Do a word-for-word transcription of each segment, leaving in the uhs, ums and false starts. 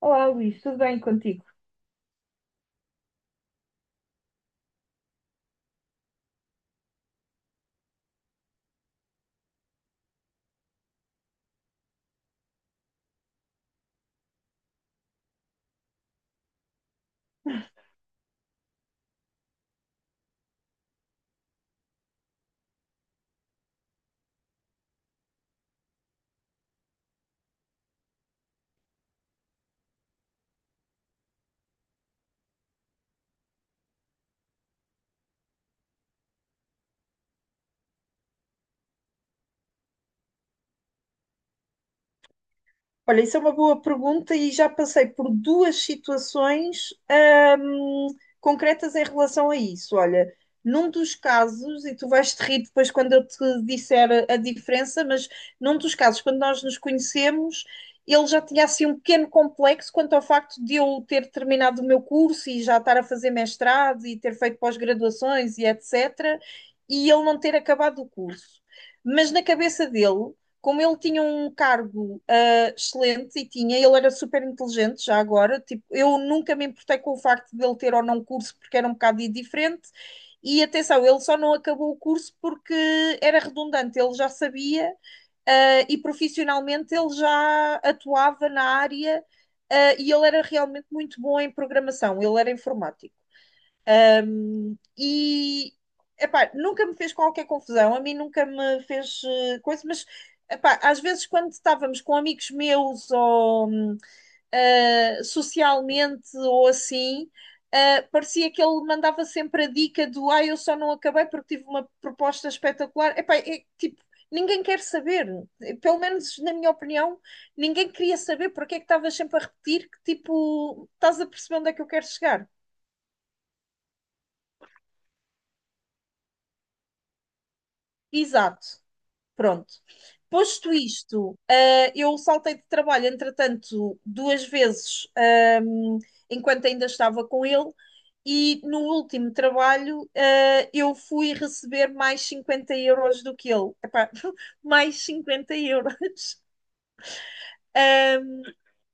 Olá, Luís, tudo bem contigo? Olha, isso é uma boa pergunta e já passei por duas situações, hum, concretas em relação a isso. Olha, num dos casos, e tu vais te rir depois quando eu te disser a, a diferença, mas num dos casos, quando nós nos conhecemos, ele já tinha assim um pequeno complexo quanto ao facto de eu ter terminado o meu curso e já estar a fazer mestrado e ter feito pós-graduações e etecetera, e ele não ter acabado o curso. Mas na cabeça dele, como ele tinha um cargo excelente e tinha, ele era super inteligente já agora, tipo, eu nunca me importei com o facto de ele ter ou não curso porque era um bocado diferente e atenção, ele só não acabou o curso porque era redundante, ele já sabia ah, e profissionalmente ele já atuava na área ah, e ele era realmente muito bom em programação, ele era informático. E, epá, nunca me fez qualquer confusão, a mim nunca me fez eh, coisa, mas epá, às vezes quando estávamos com amigos meus ou hum, ah, socialmente ou assim, ah, parecia que ele mandava sempre a dica do ah, eu só não acabei porque tive uma proposta espetacular. Epá, é, tipo, ninguém quer saber. Pelo menos na minha opinião, ninguém queria saber porque é que estavas sempre a repetir que tipo, estás a perceber onde é que eu quero chegar. Exato. Pronto. Posto isto, eh, eu saltei de trabalho, entretanto, duas vezes, ehm, enquanto ainda estava com ele, e no último trabalho, eh, eu fui receber mais cinquenta euros do que ele. Epá, mais cinquenta euros. Eh,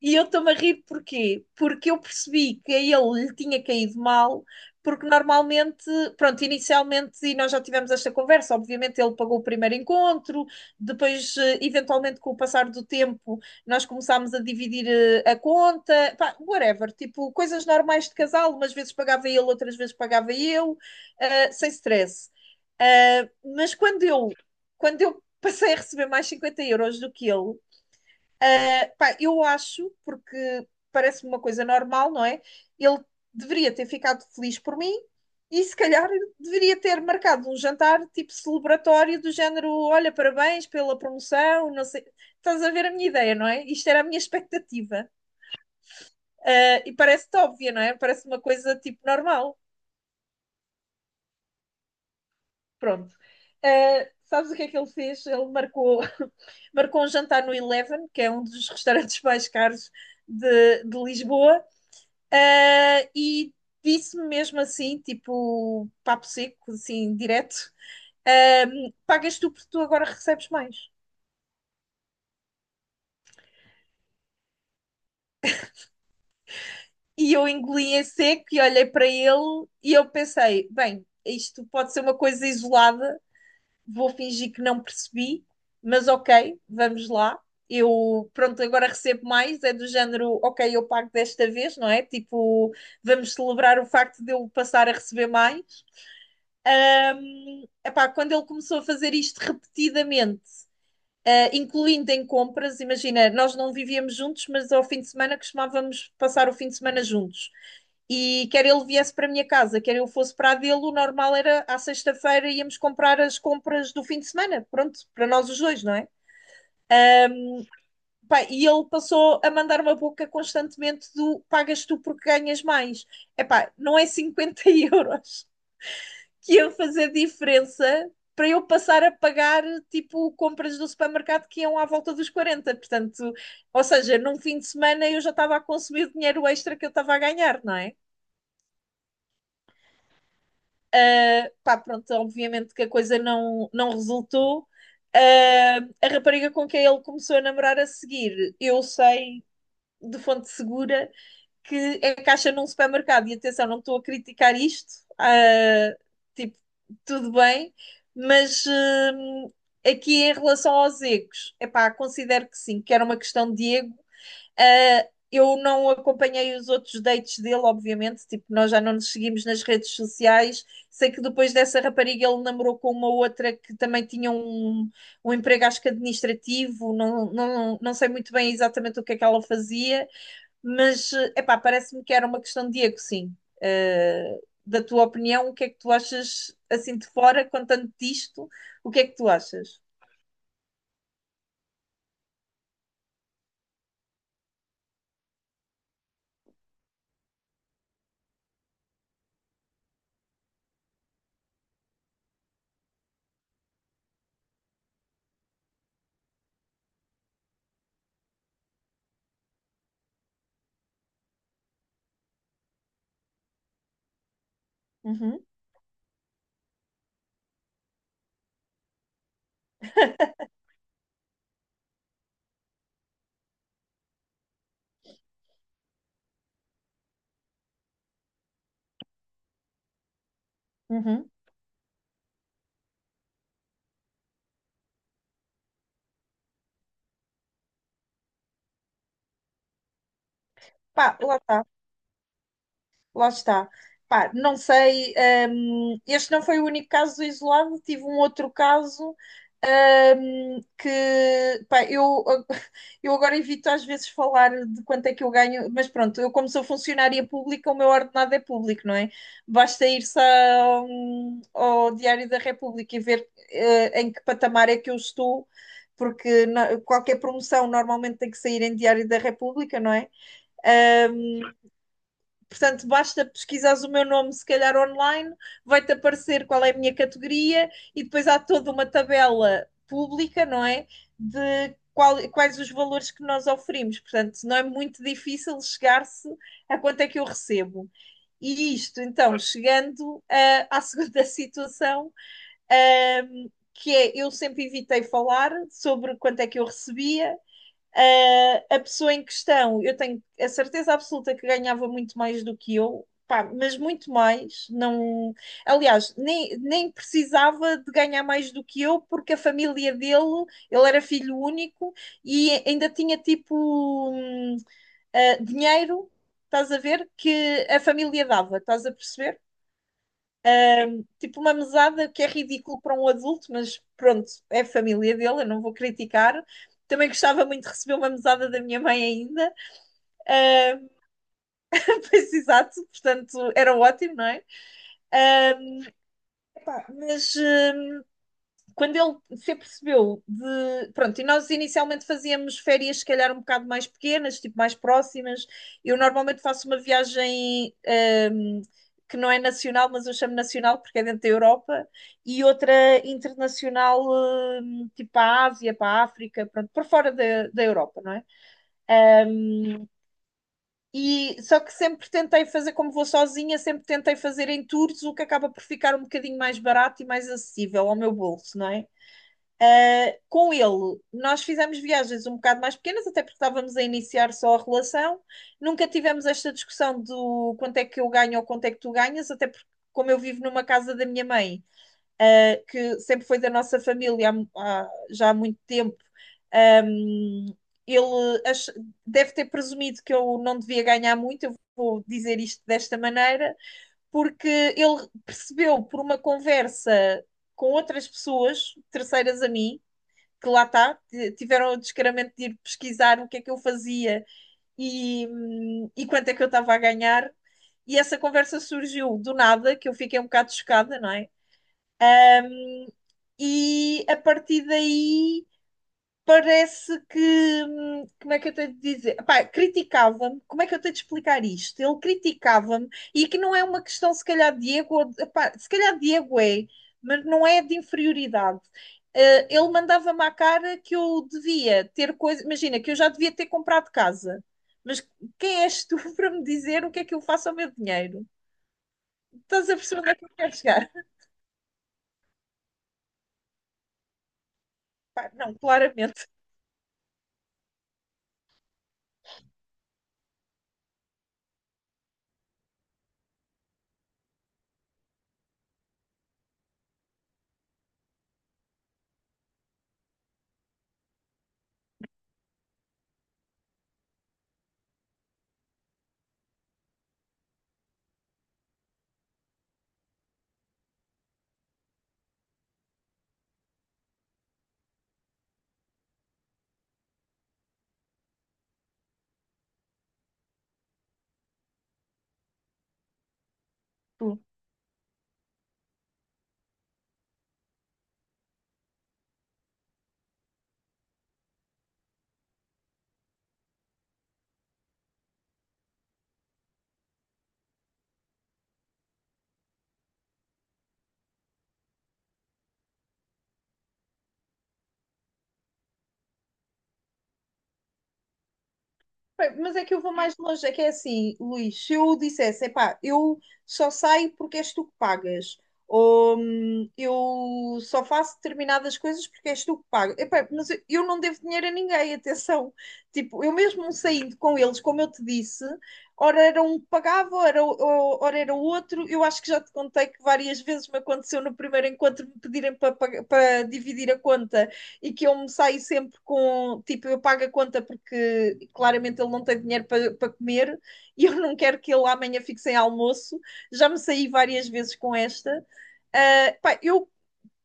e eu estou-me a rir porquê? Porque eu percebi que a ele lhe tinha caído mal, porque normalmente, pronto, inicialmente, e nós já tivemos esta conversa, obviamente ele pagou o primeiro encontro, depois, eh, eventualmente, com o passar do tempo, nós começámos a dividir eh, a conta, pá, whatever, tipo, coisas normais de casal, umas vezes pagava ele, outras vezes pagava eu, eh, sem stress. Eh, mas quando eu, quando eu passei a receber mais cinquenta euros do que ele. Pá, eu acho, porque parece-me uma coisa normal, não é? Ele deveria ter ficado feliz por mim e se calhar deveria ter marcado um jantar tipo celebratório do género, olha, parabéns pela promoção, não sei. Estás a ver a minha ideia, não é? Isto era a minha expectativa. Ah, e parece-te óbvia, não é? Parece uma coisa tipo normal. Pronto. Ah, sabes o que é que ele fez? Ele marcou, marcou um jantar no Eleven, que é um dos restaurantes mais caros de, de Lisboa. Ah, e disse-me mesmo assim, tipo, papo seco, assim, direto: ah, pagas tu porque tu agora recebes mais. E eu engoli em seco e olhei para ele e eu pensei: bem, isto pode ser uma coisa isolada, vou fingir que não percebi, mas ok, vamos lá. Eu, pronto, agora recebo mais, é do género, ok, eu pago desta vez, não é? Tipo, vamos celebrar o facto de eu passar a receber mais. Epá, quando ele começou a fazer isto repetidamente eh, incluindo em compras. Imagina, nós não vivíamos juntos, mas ao fim de semana costumávamos passar o fim de semana juntos. E quer ele viesse para a minha casa, quer eu fosse para a dele, o normal era à sexta-feira íamos comprar as compras do fim de semana. Pronto, para nós os dois, não é? Pá, e ele passou a mandar uma boca constantemente do pagas tu porque ganhas mais. Epá, não é cinquenta euros que iam fazer diferença para eu passar a pagar tipo compras do supermercado que iam à volta dos quarenta. Portanto, ou seja, num fim de semana eu já estava a consumir dinheiro extra que eu estava a ganhar, não é? Uh, pá, pronto, obviamente que a coisa não, não resultou. Uh, a rapariga com quem ele começou a namorar a seguir, eu sei de fonte segura que é caixa num supermercado. E atenção, não estou a criticar isto, ah, tipo, tudo bem, mas hum, aqui em relação aos egos, epá, considero que sim, que era uma questão de ego. Ah, eu não acompanhei os outros dates dele, obviamente, tipo, nós já não nos seguimos nas redes sociais. Sei que depois dessa rapariga ele namorou com uma outra que também tinha um, um emprego, acho que administrativo, não, não, não sei muito bem exatamente o que é que ela fazia. Mas, eh, epá, parece-me que era uma questão de ego, sim. Eh, da tua opinião, o que é que tu achas assim de fora, contando disto, o que é que tu achas? Uhum, uhum. Pá, lá está. Lá está. Pá, não sei, hum, este não foi o único caso isolado, tive um outro caso, hum, que, pá, eu, eu agora evito às vezes falar de quanto é que eu ganho, mas pronto, eu como sou funcionária pública, o meu ordenado é público, não é? Basta ir-se ao, ao Diário da República e ver, eh, em que patamar é que eu estou, porque na- qualquer promoção normalmente tem que sair em Diário da República, não é? Portanto, basta pesquisares o meu nome, se calhar online, vai-te aparecer qual é a minha categoria e depois há toda uma tabela pública, não é? De qual- quais os valores que nós oferimos. Portanto, não é muito difícil chegar-se a quanto é que eu recebo. E isto, então, chegando ah, à segunda situação, ah, que é eu sempre evitei falar sobre quanto é que eu recebia, ah, a pessoa em questão, eu tenho a certeza absoluta que ganhava muito mais do que eu, pá, mas muito mais. Não, aliás, nem, nem precisava de ganhar mais do que eu, porque a família dele, ele era filho único e ainda tinha tipo hum, ah, dinheiro, estás a ver, que a família dava, estás a perceber? Tipo uma mesada que é ridículo para um adulto, mas pronto, é a família dele, eu não vou criticar. Também gostava muito de receber uma mesada da minha mãe ainda. Pois, exato, portanto era ótimo, não é? Uh, pá, mas uh, quando ele se apercebeu de. Pronto, e nós inicialmente fazíamos férias, se calhar um bocado mais pequenas, tipo mais próximas. Eu normalmente faço uma viagem, um, que não é nacional, mas eu chamo nacional porque é dentro da Europa, e outra internacional, hum, tipo para a Ásia, para a África, pronto, por fora da, da Europa, não é? E só que sempre tentei fazer, como vou sozinha, sempre tentei fazer em tours, o que acaba por ficar um bocadinho mais barato e mais acessível ao meu bolso, não é? Ah, com ele, nós fizemos viagens um bocado mais pequenas, até porque estávamos a iniciar só a relação. Nunca tivemos esta discussão do quanto é que eu ganho ou quanto é que tu ganhas, até porque, como eu vivo numa casa da minha mãe, uh, que sempre foi da nossa família há, há- já há muito tempo. Um, ele ach- deve ter presumido que eu não devia ganhar muito, eu vou dizer isto desta maneira, porque ele percebeu por uma conversa com outras pessoas, terceiras a mim, que lá está, tiveram o descaramento de ir pesquisar o que é que eu fazia e, hum, e quanto é que eu estava a ganhar. E essa conversa surgiu do nada, que eu fiquei um bocado chocada, não é? E a partir daí parece que, hum, como é que eu tenho de dizer? Epá, criticava-me, como é que eu tenho de explicar isto? Ele criticava-me e que não é uma questão, se calhar, de ego, ou de- epá, se calhar de ego é, mas não é de inferioridade. Eh, ele mandava-me à cara que eu devia ter coisa, imagina, que eu já devia ter comprado casa. Mas quem és tu para me dizer o que é que eu faço ao meu dinheiro? Estás a perceber onde é que eu quero chegar? Pá, não, claramente. Mas é que eu vou mais longe, é que é assim, Luís, se eu dissesse, epá, eu só saio porque és tu que pagas, ou hum, eu só faço determinadas coisas porque és tu que pagas, epá, mas eu eu não devo dinheiro a ninguém, atenção, tipo, eu mesmo saindo com eles, como eu te disse, ora era um que pagava, ora, o- ora era o outro, eu acho que já te contei que várias vezes me aconteceu no primeiro encontro me pedirem para, pag- para dividir a conta, e que eu me saio sempre com, tipo, eu pago a conta porque claramente ele não tem dinheiro para pa comer e eu não quero que ele amanhã fique sem almoço. Já me saí várias vezes com esta. Uh, pá, eu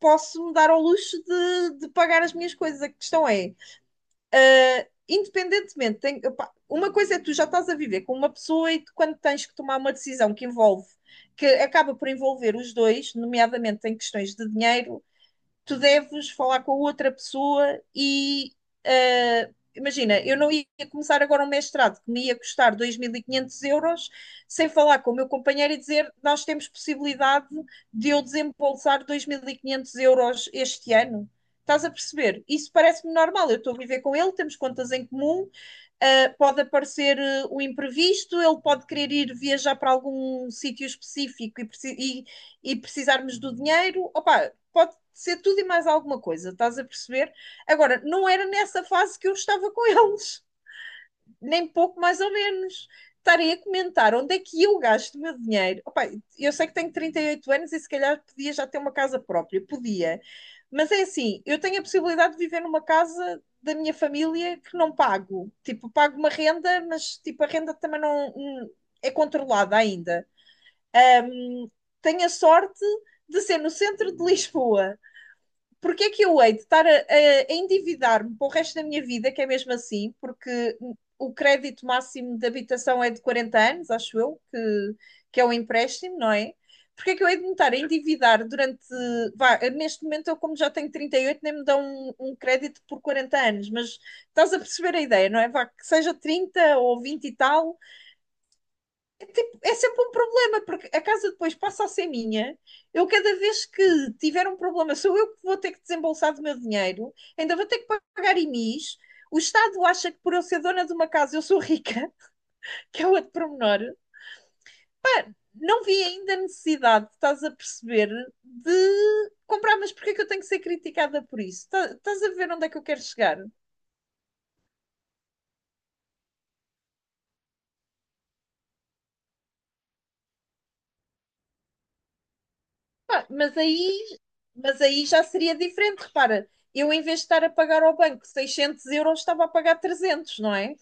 posso me dar ao luxo de, de, pagar as minhas coisas. A questão é, independentemente, tem, opa, uma coisa é que tu já estás a viver com uma pessoa e tu, quando tens que tomar uma decisão que envolve, que acaba por envolver os dois, nomeadamente em questões de dinheiro, tu deves falar com a outra pessoa e ah, imagina, eu não ia começar agora um mestrado que me ia custar dois mil e quinhentos euros sem falar com o meu companheiro e dizer nós temos possibilidade de eu desembolsar dois mil e quinhentos euros este ano. Estás a perceber? Isso parece-me normal. Eu estou a viver com ele, temos contas em comum. Uh, pode aparecer uh, o imprevisto, ele pode querer ir viajar para algum sítio específico e, e- e precisarmos do dinheiro. Opa, pode ser tudo e mais alguma coisa, estás a perceber? Agora, não era nessa fase que eu estava com eles nem pouco mais ou menos. Estarem a comentar onde é que eu gasto o meu dinheiro. Opa, eu sei que tenho trinta e oito anos e se calhar podia já ter uma casa própria, podia. Mas é assim, eu tenho a possibilidade de viver numa casa da minha família que não pago. Tipo, pago uma renda, mas tipo, a renda também não hum, é controlada ainda. Hum, Tenho a sorte de ser no centro de Lisboa. Porque é que eu hei de estar a, a endividar-me para o resto da minha vida, que é mesmo assim, porque o crédito máximo de habitação é de quarenta anos, acho eu, que, que é um empréstimo, não é? Porque é que eu hei de me estar a endividar durante. Vá, neste momento, eu, como já tenho trinta e oito nem me dão um, um crédito por quarenta anos, mas estás a perceber a ideia, não é? Vá, que seja trinta ou vinte e tal, é, tipo, é sempre um problema, porque a casa depois passa a ser minha. Eu, cada vez que tiver um problema, sou eu que vou ter que desembolsar do meu dinheiro, ainda vou ter que pagar I M Is. O Estado acha que por eu ser dona de uma casa eu sou rica, que é outro pormenor. Pá, não vi ainda a necessidade, estás a perceber, de comprar, mas porquê é que eu tenho que ser criticada por isso? Tá- Estás a ver onde é que eu quero chegar? Pá, mas aí, mas aí já seria diferente, repara. Eu, em vez de estar a pagar ao banco seiscentos euros, estava a pagar trezentos não é?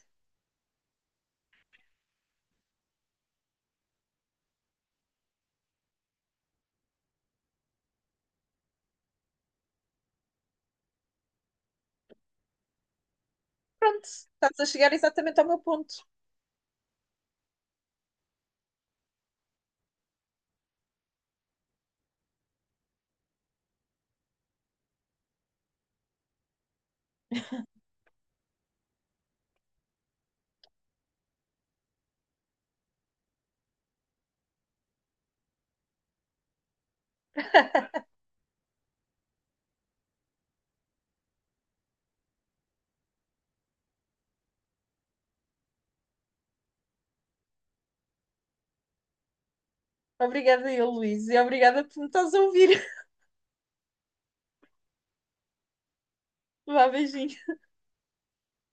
Pronto, estás a chegar exatamente ao meu ponto. Obrigada eu, Luís, e obrigada por me estás a ouvir. Vá, beijinho.